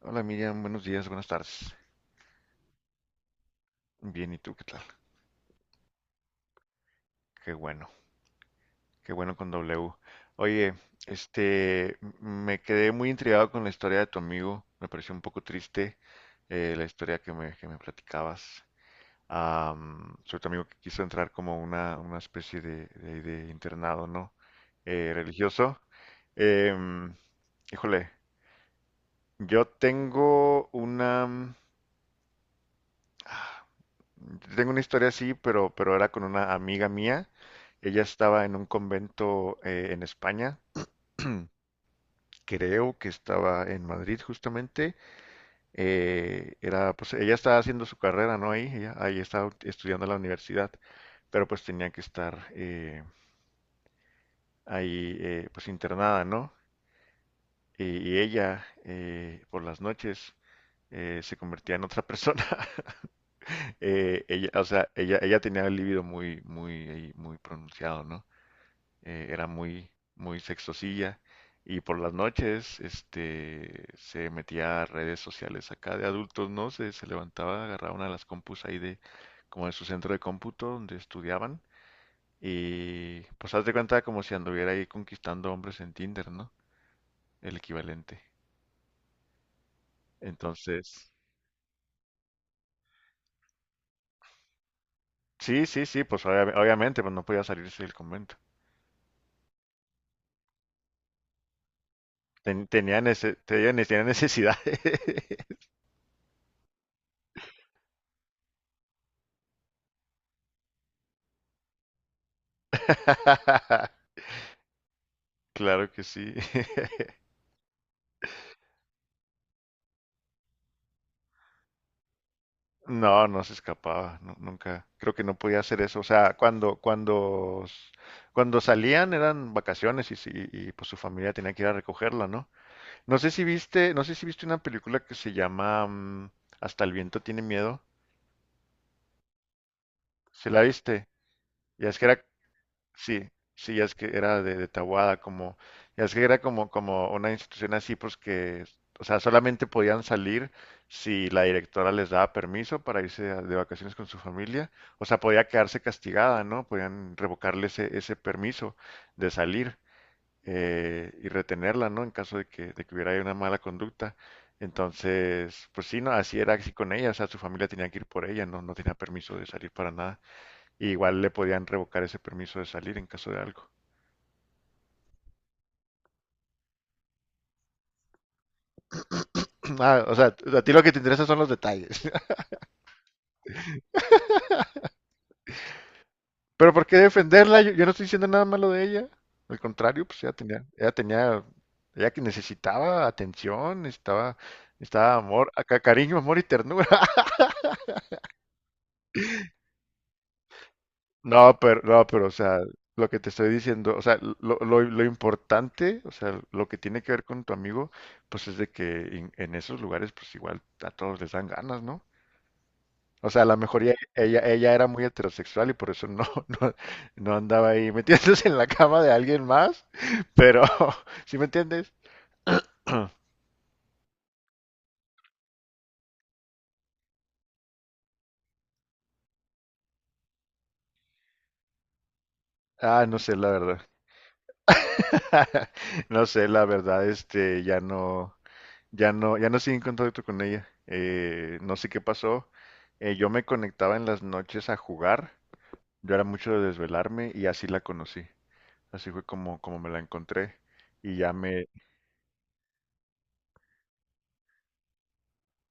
Hola Miriam, buenos días, buenas tardes. Bien, ¿y tú qué tal? Qué bueno, qué bueno con W. Oye, me quedé muy intrigado con la historia de tu amigo. Me pareció un poco triste, la historia que me platicabas. Sobre tu amigo que quiso entrar como una especie de internado, ¿no? Religioso. Em, Híjole, yo tengo una... ah, Tengo una historia así, pero era con una amiga mía. Ella estaba en un convento, en España. Creo que estaba en Madrid justamente. Era, pues, ella estaba haciendo su carrera, ¿no? Ahí, ella, ahí estaba estudiando en la universidad, pero pues tenía que estar, ahí, pues internada, ¿no? Y ella, por las noches, se convertía en otra persona. Ella, o sea, ella tenía el libido muy, muy, ahí, muy pronunciado, ¿no? Era muy, muy sexosilla. Y por las noches, se metía a redes sociales acá de adultos, ¿no? Se levantaba, agarraba una de las compus ahí de, como de su centro de cómputo donde estudiaban. Y pues haz de cuenta como si anduviera ahí conquistando hombres en Tinder, ¿no? El equivalente. Entonces, sí, sí, sí, pues obviamente, pues no podía salirse del convento. Tenía necesidad. Claro que sí. No, no se escapaba, nunca. Creo que no podía hacer eso. O sea, cuando salían eran vacaciones y, si- y, pues su familia tenía que ir a recogerla, ¿no? No sé si viste una película que se llama, Hasta el viento tiene miedo. ¿Se la viste? Ya es que era Sí, sí, ya es que era de Tahuada, como, ya es que era como una institución así, pues que, o sea, solamente podían salir si la directora les daba permiso para irse de vacaciones con su familia, o sea, podía quedarse castigada, ¿no? Podían revocarle ese permiso de salir, y retenerla, ¿no? En caso de que hubiera ahí una mala conducta. Entonces, pues sí, no, así era así con ella, o sea, su familia tenía que ir por ella, no, no tenía permiso de salir para nada y igual le podían revocar ese permiso de salir en caso de algo. Ah, o sea, a ti lo que te interesa son los detalles. Pero ¿por qué defenderla? Yo no estoy diciendo nada malo de ella. Al contrario, pues ella tenía, ella que necesitaba atención, necesitaba amor, cariño, amor y ternura. No, pero, o sea, lo que te estoy diciendo, o sea, lo importante, o sea, lo que tiene que ver con tu amigo, pues es de que en esos lugares, pues igual a todos les dan ganas, ¿no? O sea, a lo mejor ella era muy heterosexual y por eso no, no, no andaba ahí metiéndose en la cama de alguien más, pero ¿sí me entiendes? Ah, no sé la verdad. No sé la verdad, ya no sigo en contacto con ella. No sé qué pasó. Yo me conectaba en las noches a jugar. Yo era mucho de desvelarme y así la conocí. Así fue como me la encontré y ya me,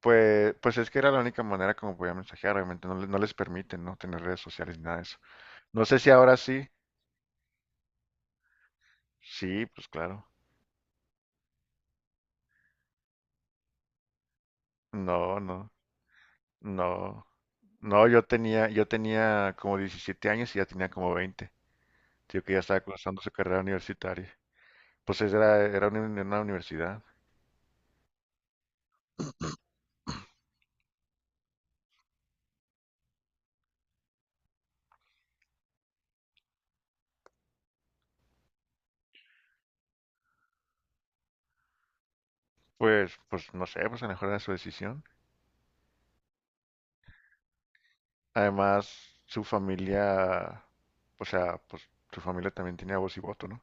Pues es que era la única manera como podía mensajear. Obviamente no, no les permiten no tener redes sociales ni nada de eso. No sé si ahora sí. Sí, pues claro. No, no, no. No, yo tenía como 17 años y ya tenía como 20. Tío que ya estaba cursando su carrera universitaria. Pues esa era una universidad. Pues no sé, pues a lo mejor era su decisión. Además, su familia, o sea, pues su familia también tenía voz y voto, ¿no?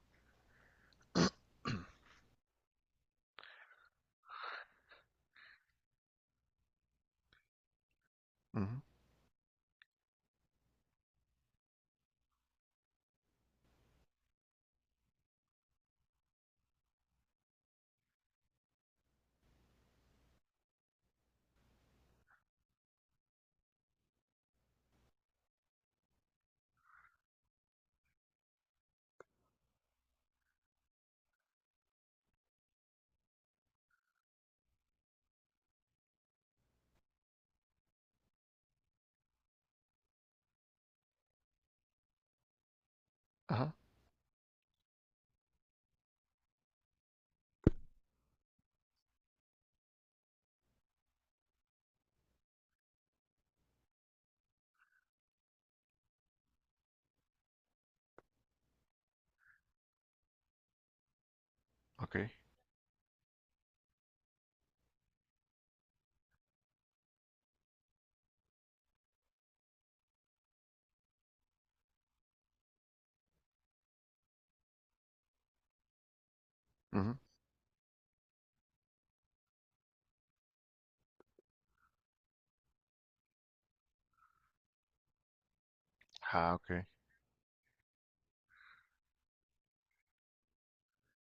Ujú. Ajá, ok. Ujú. Ah, ok.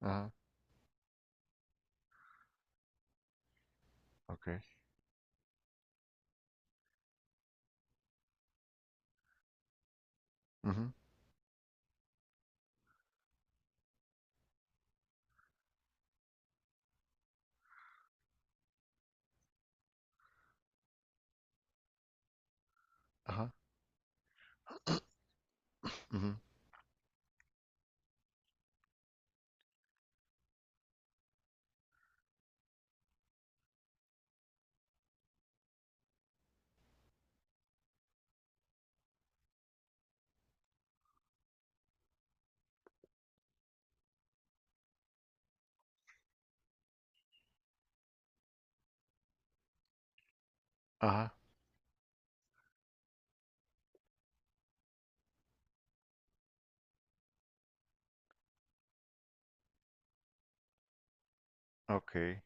Ajá, ok. Ujú, ajá, ujú, ajá, ok.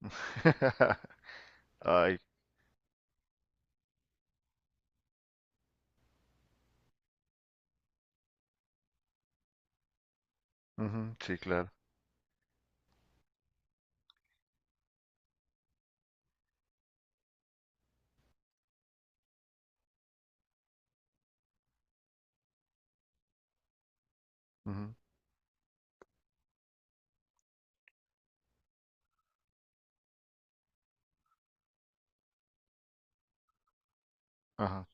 Ay, ujú, sí, claro. Ujú, ajá,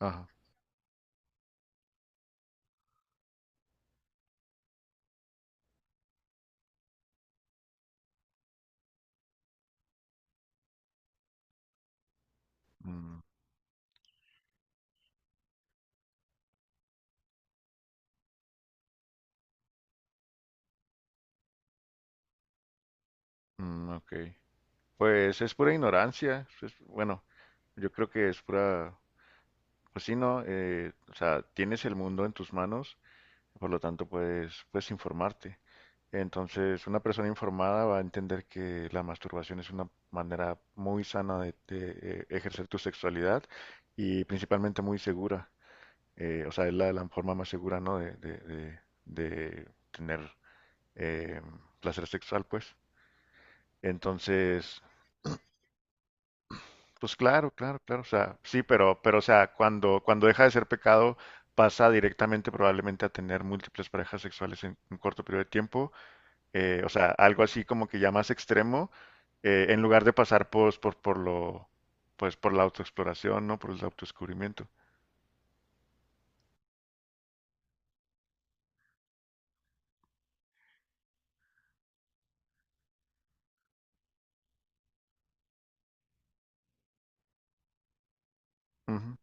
ajá. Mm, mm, ok. Pues es pura ignorancia. Pues, bueno, yo creo que es pura, pues sí, ¿no? O sea, tienes el mundo en tus manos, por lo tanto puedes informarte. Entonces, una persona informada va a entender que la masturbación es una manera muy sana ejercer tu sexualidad y principalmente muy segura. O sea, es la forma más segura, ¿no? De tener, eh, placer sexual, pues. Entonces, pues claro, claro, claro, o sea, sí, pero, o sea, cuando deja de ser pecado, pasa directamente probablemente a tener múltiples parejas sexuales en un corto periodo de tiempo, o sea, algo así como que ya más extremo, en lugar de pasar pues, pues, por la autoexploración, ¿no? Por el autodescubrimiento. Ujú.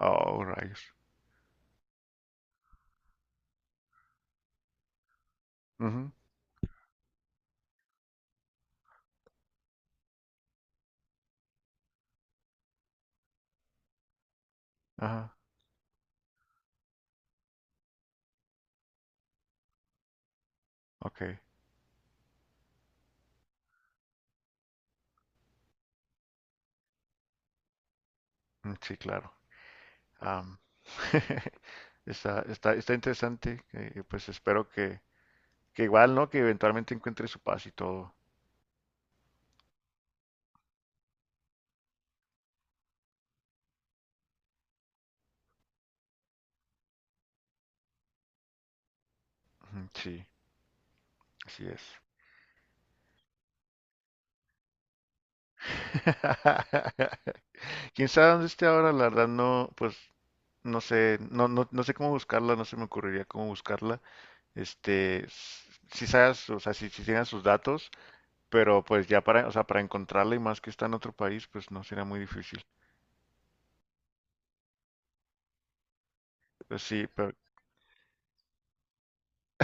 Oh, rayos. Ujú. Ajá, ok. Mm. Sí, claro. Am, está interesante. Pues espero que igual, ¿no? Que eventualmente encuentre su paz y todo. Ujú. Sí, así es. Quién sabe dónde esté ahora, la verdad no, pues no sé, no, no, no sé cómo buscarla, no se me ocurriría cómo buscarla. Si sabes, o sea, si tengan sus datos, pero pues ya para, o sea, para encontrarla y más que está en otro país, pues no será muy difícil. Pues sí, pero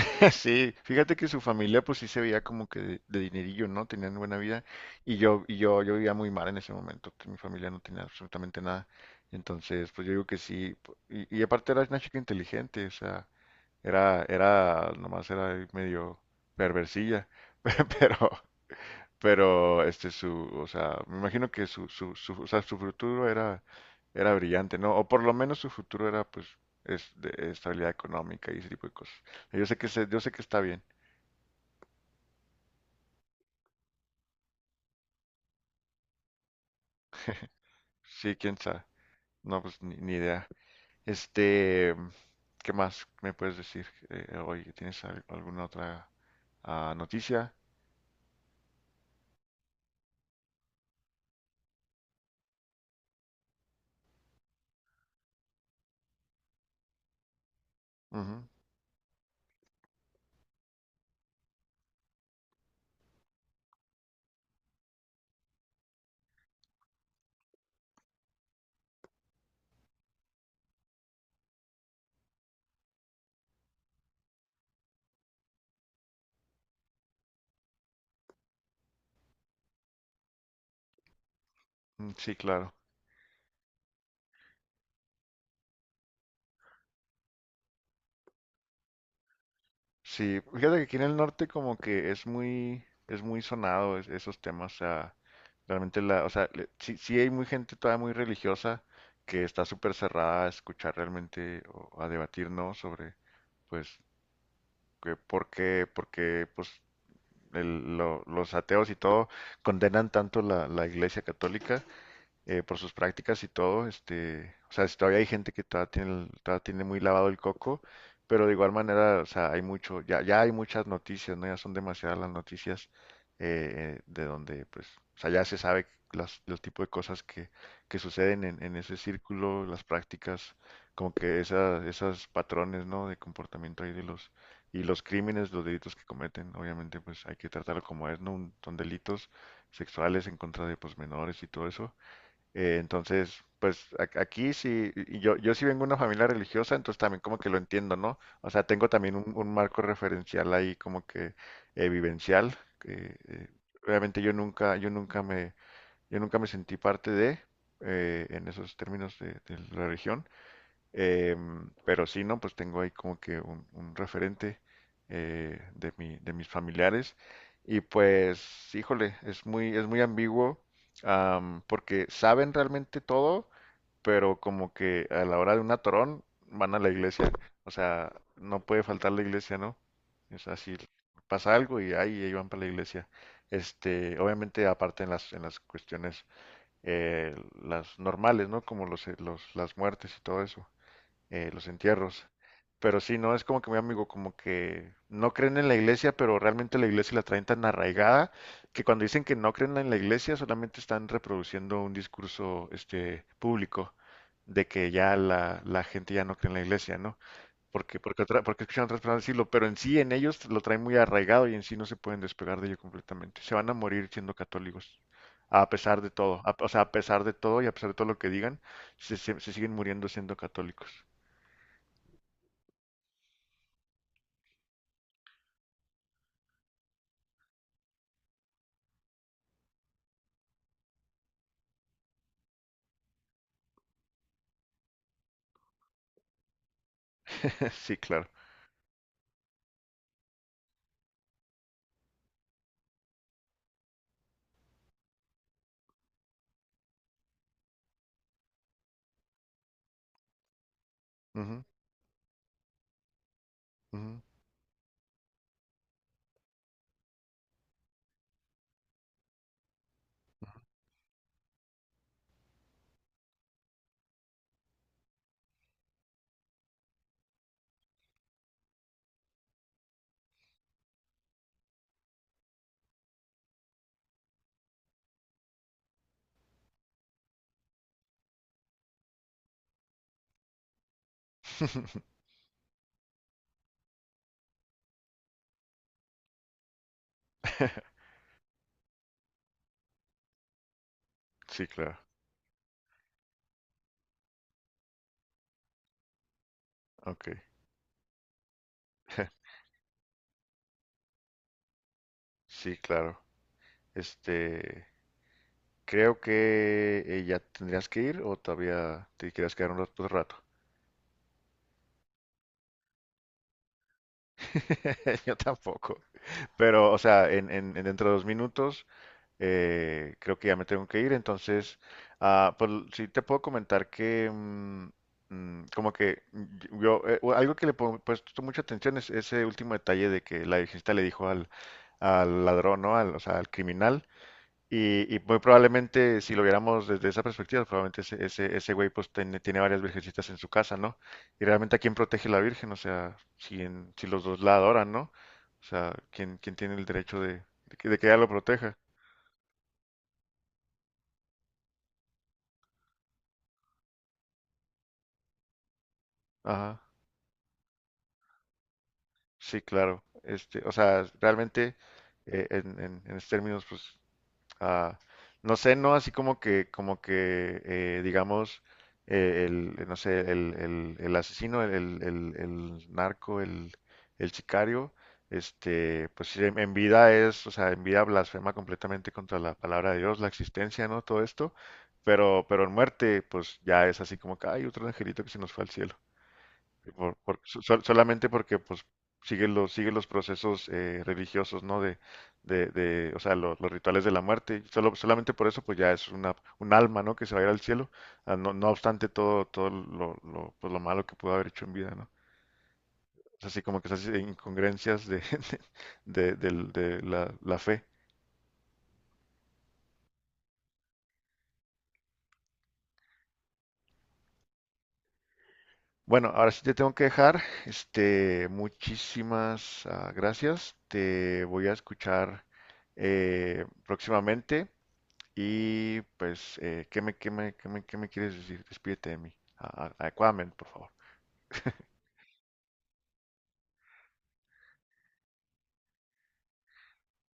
sí, fíjate que su familia pues sí se veía como que de dinerillo, ¿no? Tenían buena vida y yo vivía muy mal en ese momento, que mi familia no tenía absolutamente nada. Entonces, pues yo digo que sí, y aparte era una chica inteligente, o sea, era nomás era ahí medio perversilla, pe- pero pero su, o sea, me imagino que su, o sea, su futuro era brillante, ¿no? O por lo menos su futuro era pues es de estabilidad económica y ese tipo de cosas. Yo sé que está bien. Sí, quién sabe. No, pues ni idea. Este, ¿Qué más me puedes decir, hoy? ¿Tienes alguna otra, noticia? Ujú. Mm. Sí, claro. Sí, fíjate que aquí en el norte como que es muy sonado esos temas. O sea, realmente la, o sea, sí, sí hay muy gente todavía muy religiosa que está súper cerrada a escuchar realmente o a debatir, ¿no? Sobre, pues, que por qué, porque, pues, los ateos y todo condenan tanto la Iglesia Católica, por sus prácticas y todo. O sea, si todavía hay gente que todavía tiene, todavía tiene muy lavado el coco, pero de igual manera, o sea, hay mucho, ya hay muchas noticias, ¿no? Ya son demasiadas las noticias, de donde, pues, o sea, ya se sabe las, los tipos de cosas que suceden en ese círculo, las prácticas, como que esas patrones, ¿no? De comportamiento ahí de los, y los crímenes, los delitos que cometen. Obviamente, pues, hay que tratarlo como es, ¿no? Son delitos sexuales en contra de, pues, menores y todo eso. Entonces, pues aquí sí, y yo sí vengo de una familia religiosa, entonces también como que lo entiendo, ¿no? O sea, tengo también un marco referencial ahí como que, vivencial, que, obviamente yo nunca me sentí parte de, en esos términos de la religión. Pero sí, ¿no? Pues tengo ahí como que un referente, de de mis familiares. Y pues, híjole, es muy ambiguo, porque saben realmente todo, pero como que a la hora de un atorón van a la iglesia. O sea, no puede faltar la iglesia, ¿no? Es así, pasa algo y ahí van para la iglesia. Obviamente, aparte en en las cuestiones, eh, las normales, ¿no? Como las muertes y todo eso, los entierros. Pero sí, no es como que mi amigo, como que no creen en la iglesia, pero realmente la iglesia la traen tan arraigada que cuando dicen que no creen en la iglesia, solamente están reproduciendo un discurso público de que ya la gente ya no cree en la iglesia, ¿no? Porque escuchan a otras personas decirlo, pero en sí, en ellos lo traen muy arraigado y en sí no se pueden despegar de ello completamente. Se van a morir siendo católicos, a pesar de todo, o sea, a pesar de todo y a pesar de todo lo que digan, se siguen muriendo siendo católicos. Sí, claro. Ujú, ujú. Sí, claro. Ok. Sí, claro. Este, Creo que, ya tendrías que ir o todavía te quieres quedar un rato. Otro rato. Yo tampoco. Pero, o sea, en dentro de 2 minutos, creo que ya me tengo que ir. Entonces, pues sí te puedo comentar que, yo, o algo que le he puesto mucha atención es ese último detalle de que la virgencita le dijo al ladrón, ¿no? Al, o sea, al criminal. Y muy probablemente, si lo viéramos desde esa perspectiva, probablemente ese güey pues tiene varias virgencitas en su casa, ¿no? Y realmente a quién protege la virgen, o sea, si, si los dos la adoran, ¿no? O sea, ¿quién tiene el derecho de que ella lo proteja? Ajá. Sí, claro. O sea, realmente, en esos términos, pues, ah, no sé, no así como que, digamos, el, no sé, el asesino, el narco, el sicario, pues sí, en vida es, o sea, en vida blasfema completamente contra la palabra de Dios, la existencia, ¿no? Todo esto, pero en muerte, pues ya es así como que hay otro angelito que se nos fue al cielo y solamente porque pues siguen los procesos, religiosos, ¿no? O sea, los rituales de la muerte. Solamente por eso pues ya es un alma, ¿no? Que se va a ir al cielo, no, no obstante todo, pues, lo malo que pudo haber hecho en vida, ¿no? Es así como que esas incongruencias de la fe. Bueno, ahora sí te tengo que dejar. Muchísimas, gracias. Te voy a escuchar, próximamente. Y pues, qué me quieres decir? Despídete de mí. Adecuadamente, por favor.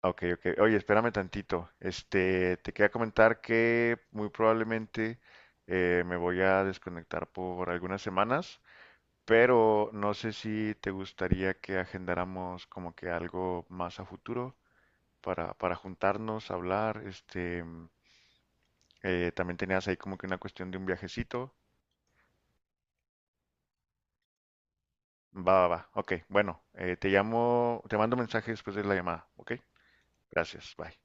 Ah, ok, ok. Oye, espérame tantito. Te quería comentar que muy probablemente, me voy a desconectar por algunas semanas, pero no sé si te gustaría que agendáramos como que algo más a futuro para juntarnos, hablar. También tenías ahí como que una cuestión de un viajecito. Va, va, va. Ok, bueno, te llamo, te mando un mensaje después de la llamada. Ok, gracias, bye.